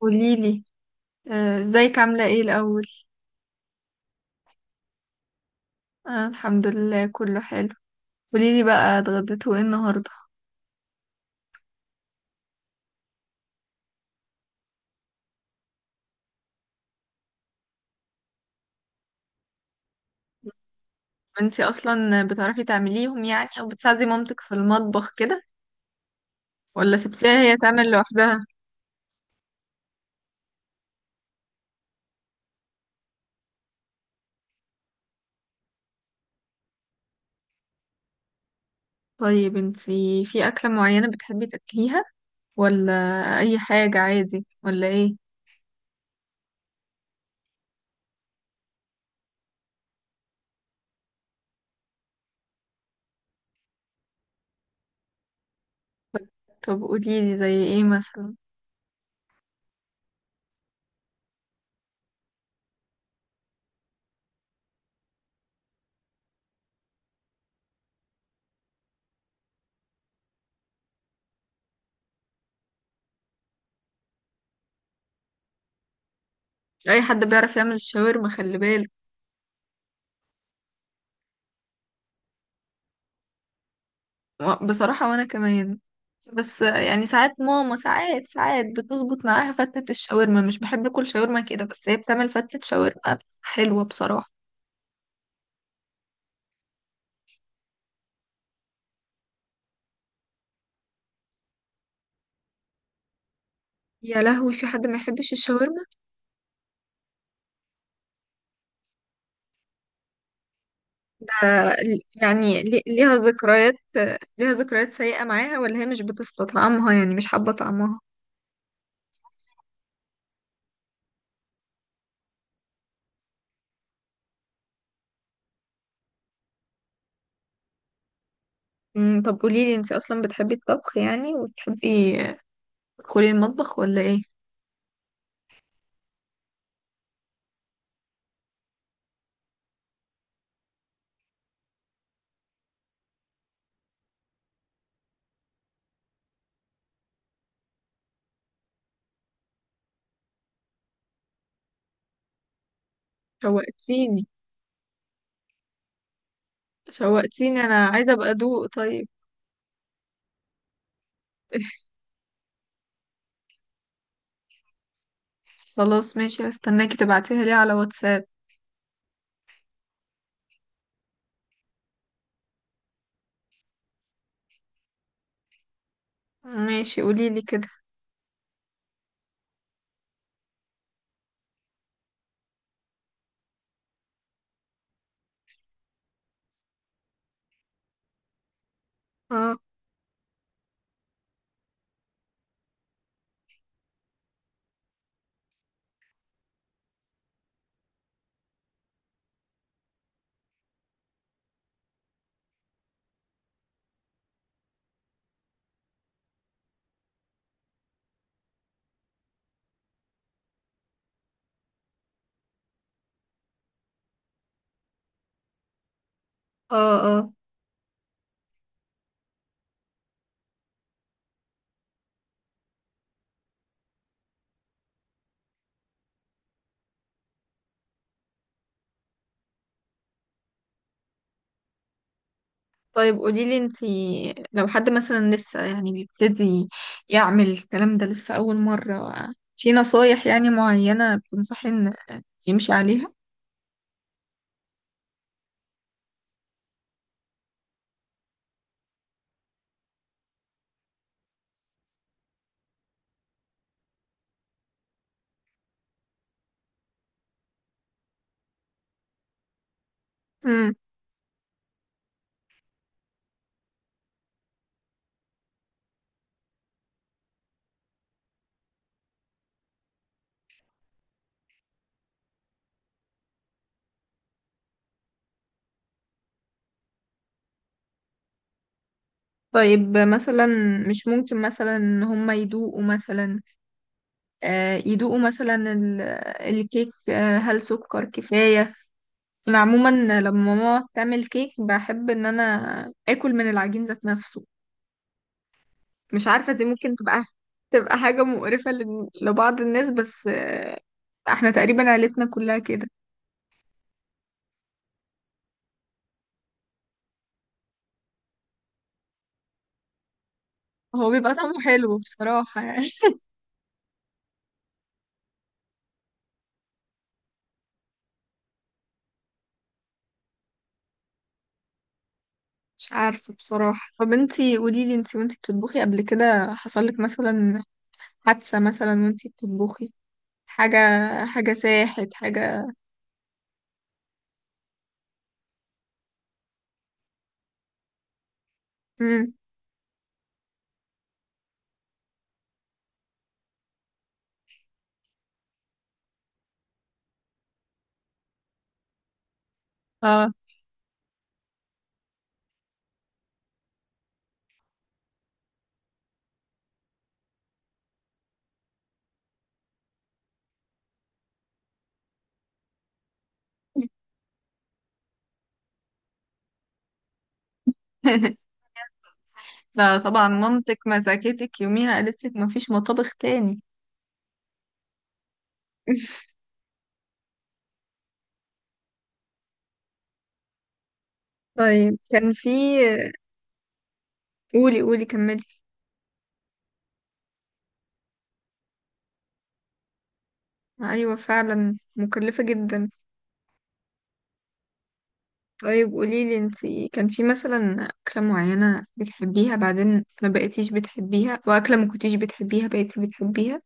قوليلي. ازيك عاملة ايه الأول؟ آه، الحمد لله كله حلو. قوليلي بقى، اتغديتوا ايه النهاردة؟ انتي أصلا بتعرفي تعمليهم، يعني أو بتساعدي مامتك في المطبخ كده؟ ولا سبتيها هي تعمل لوحدها؟ طيب، انتي في أكلة معينة بتحبي تاكليها؟ ولا أي حاجة عادي؟ ولا ايه؟ طب قوليلي زي ايه مثلا؟ أي حد بيعرف يعمل الشاورما خلي بالك. بصراحة وانا كمان. بس يعني ساعات ماما ساعات بتظبط معاها فتة الشاورما، مش بحب اكل شاورما كده بس هي بتعمل فتة شاورما حلوة بصراحة. يا لهوي، في حد ما يحبش الشاورما؟ ليها ذكريات سيئة معاها، ولا هي مش بتستطعمها يعني مش حابة طعمها؟ طب قوليلي، انتي اصلا بتحبي الطبخ يعني وتحبي تدخلي المطبخ ولا ايه؟ شوقتيني. شوقتيني، انا عايزة ابقى ادوق. طيب. خلاص ماشي، هستناكي تبعتيها لي على واتساب. ماشي قوليلي كده. اه اه اه. طيب قوليلي، انتي لو حد مثلا لسه يعني بيبتدي يعمل الكلام ده، لسه أول مرة، في نصايح يعني معينة بتنصحي ان يمشي عليها؟ امم. طيب مثلا، مش ممكن مثلا ان هما يدوقوا مثلا؟ يدوقوا مثلا الكيك؟ هل سكر كفاية؟ انا عموما لما ماما تعمل كيك بحب ان انا اكل من العجين ذات نفسه. مش عارفه، دي ممكن تبقى، تبقى حاجه مقرفه لبعض الناس، بس احنا تقريبا عيلتنا كلها كده. هو بيبقى طعمه حلو بصراحه يعني. مش عارفه بصراحه. طب انتي قولي لي، انتي وانتي بتطبخي قبل كده حصل لك مثلا حادثه مثلا وانتي بتطبخي حاجه؟ ساحت حاجه؟ امم. اه. لا طبعا، مامتك مسكتك يوميها قالت لك مفيش مطابخ تاني. طيب كان في. قولي قولي كملي. ايوه فعلا، مكلفة جدا. طيب قولي لي انتي، كان في مثلا أكلة معينة بتحبيها بعدين ما بقيتيش بتحبيها، وأكلة ما كنتيش بتحبيها بقيتي بتحبيها؟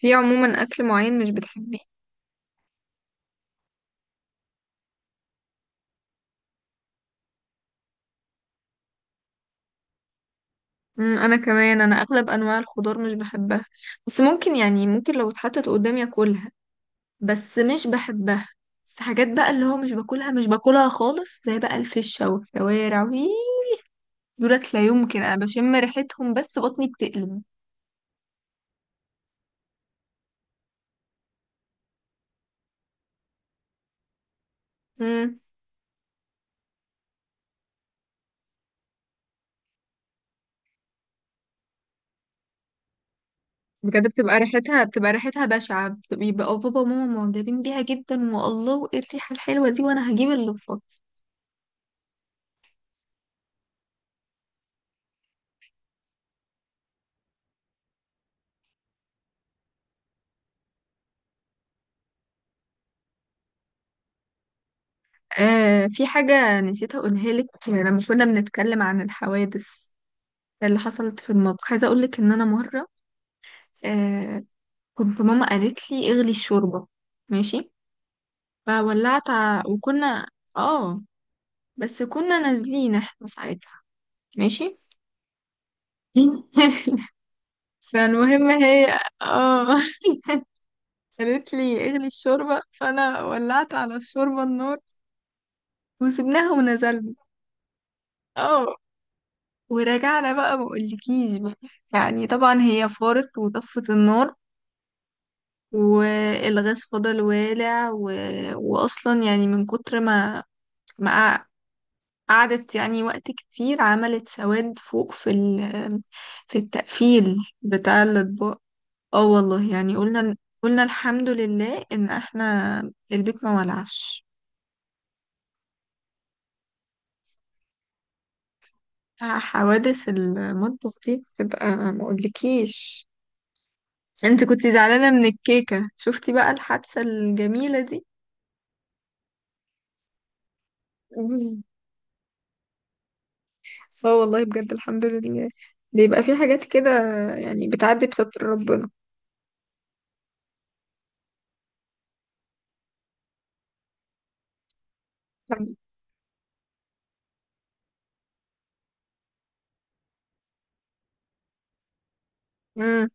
في عموما أكل معين مش بتحبيه؟ أمم، انا كمان، انا اغلب انواع الخضار مش بحبها، بس ممكن يعني ممكن لو اتحطت قدامي اكلها، بس مش بحبها. بس حاجات بقى اللي هو مش باكلها خالص زي بقى الفشة والكوارع. دولت لا يمكن، انا بشم ريحتهم بس بطني بتقلب. امم. بجد بتبقى ريحتها بشعة، بيبقى بابا وماما معجبين بيها جدا والله، وايه الريحة الحلوة دي، وانا هجيب اللفات. في حاجة نسيت اقولها لك لما كنا بنتكلم عن الحوادث اللي حصلت في المطبخ. عايزة اقول لك ان انا مرة، آه كنت ماما قالت لي اغلي الشوربة. ماشي. فولعت، وكنا، اه، بس كنا نازلين احنا ساعتها. ماشي. فالمهم هي، اه. قالت لي اغلي الشوربة فانا ولعت على الشوربة النار وسبناها ونزلنا. اه. ورجعنا بقى، ما اقولكيش بقى، يعني طبعا هي فارت وطفت النار، والغاز فضل والع واصلا يعني من كتر ما قع- قعدت يعني وقت كتير، عملت سواد فوق في التقفيل بتاع الاطباق. اه والله يعني قلنا، الحمد لله ان احنا البيت ما ولعش. حوادث المطبخ دي بتبقى ما اقولكيش. انت كنت زعلانة من الكيكة، شفتي بقى الحادثة الجميلة دي. مم. اه والله بجد الحمد لله. بيبقى في حاجات كده يعني بتعدي بستر ربنا. امم.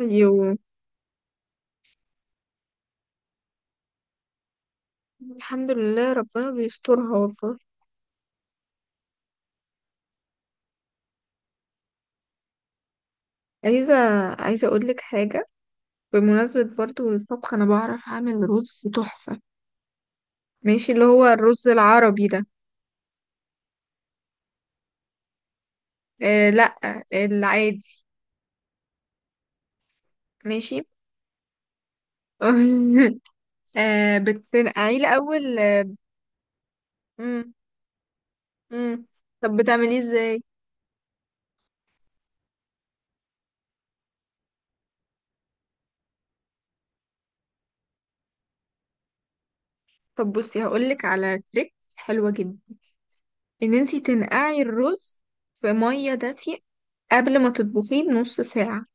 ايوه، الحمد لله ربنا بيسترها والله. عايزة عايزة اقول لك حاجة. بمناسبة برضو الطبخ، انا بعرف اعمل رز تحفة. ماشي؟ اللي هو الرز العربي ده. آه لا، العادي. ماشي. آه بتنقعيه الأول. مم. مم. طب بتعمليه ازاي؟ طب بصي هقولك على تريك حلوة جدا، ان انتي تنقعي الرز في مية دافية قبل ما تطبخيه بنص ساعة.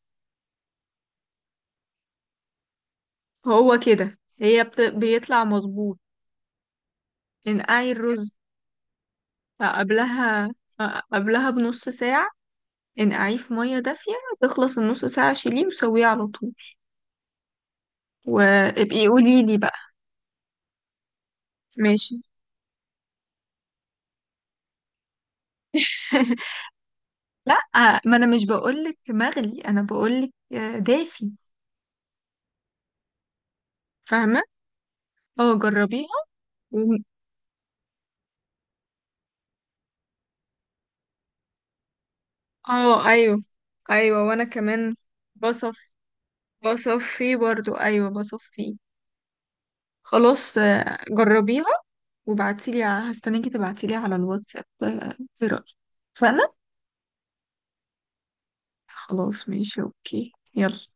هو كده هي بيطلع مظبوط. انقعي الرز، قبلها، قبلها بنص ساعة، انقعيه في مية دافية، تخلص النص ساعة شيليه وسويه على طول، وابقي قولي لي بقى. ماشي. لا ما انا مش بقولك مغلي، انا بقولك دافي. فاهمه؟ اه جربيها. و... اه ايوه، ايوه وانا كمان. بصف بصف فيه برضو، ايوه بصف فيه. خلاص جربيها وابعتيلي، هستناكي تبعتيلي على الواتساب. ايه رأيك؟ فانا، خلاص ماشي اوكي يلا.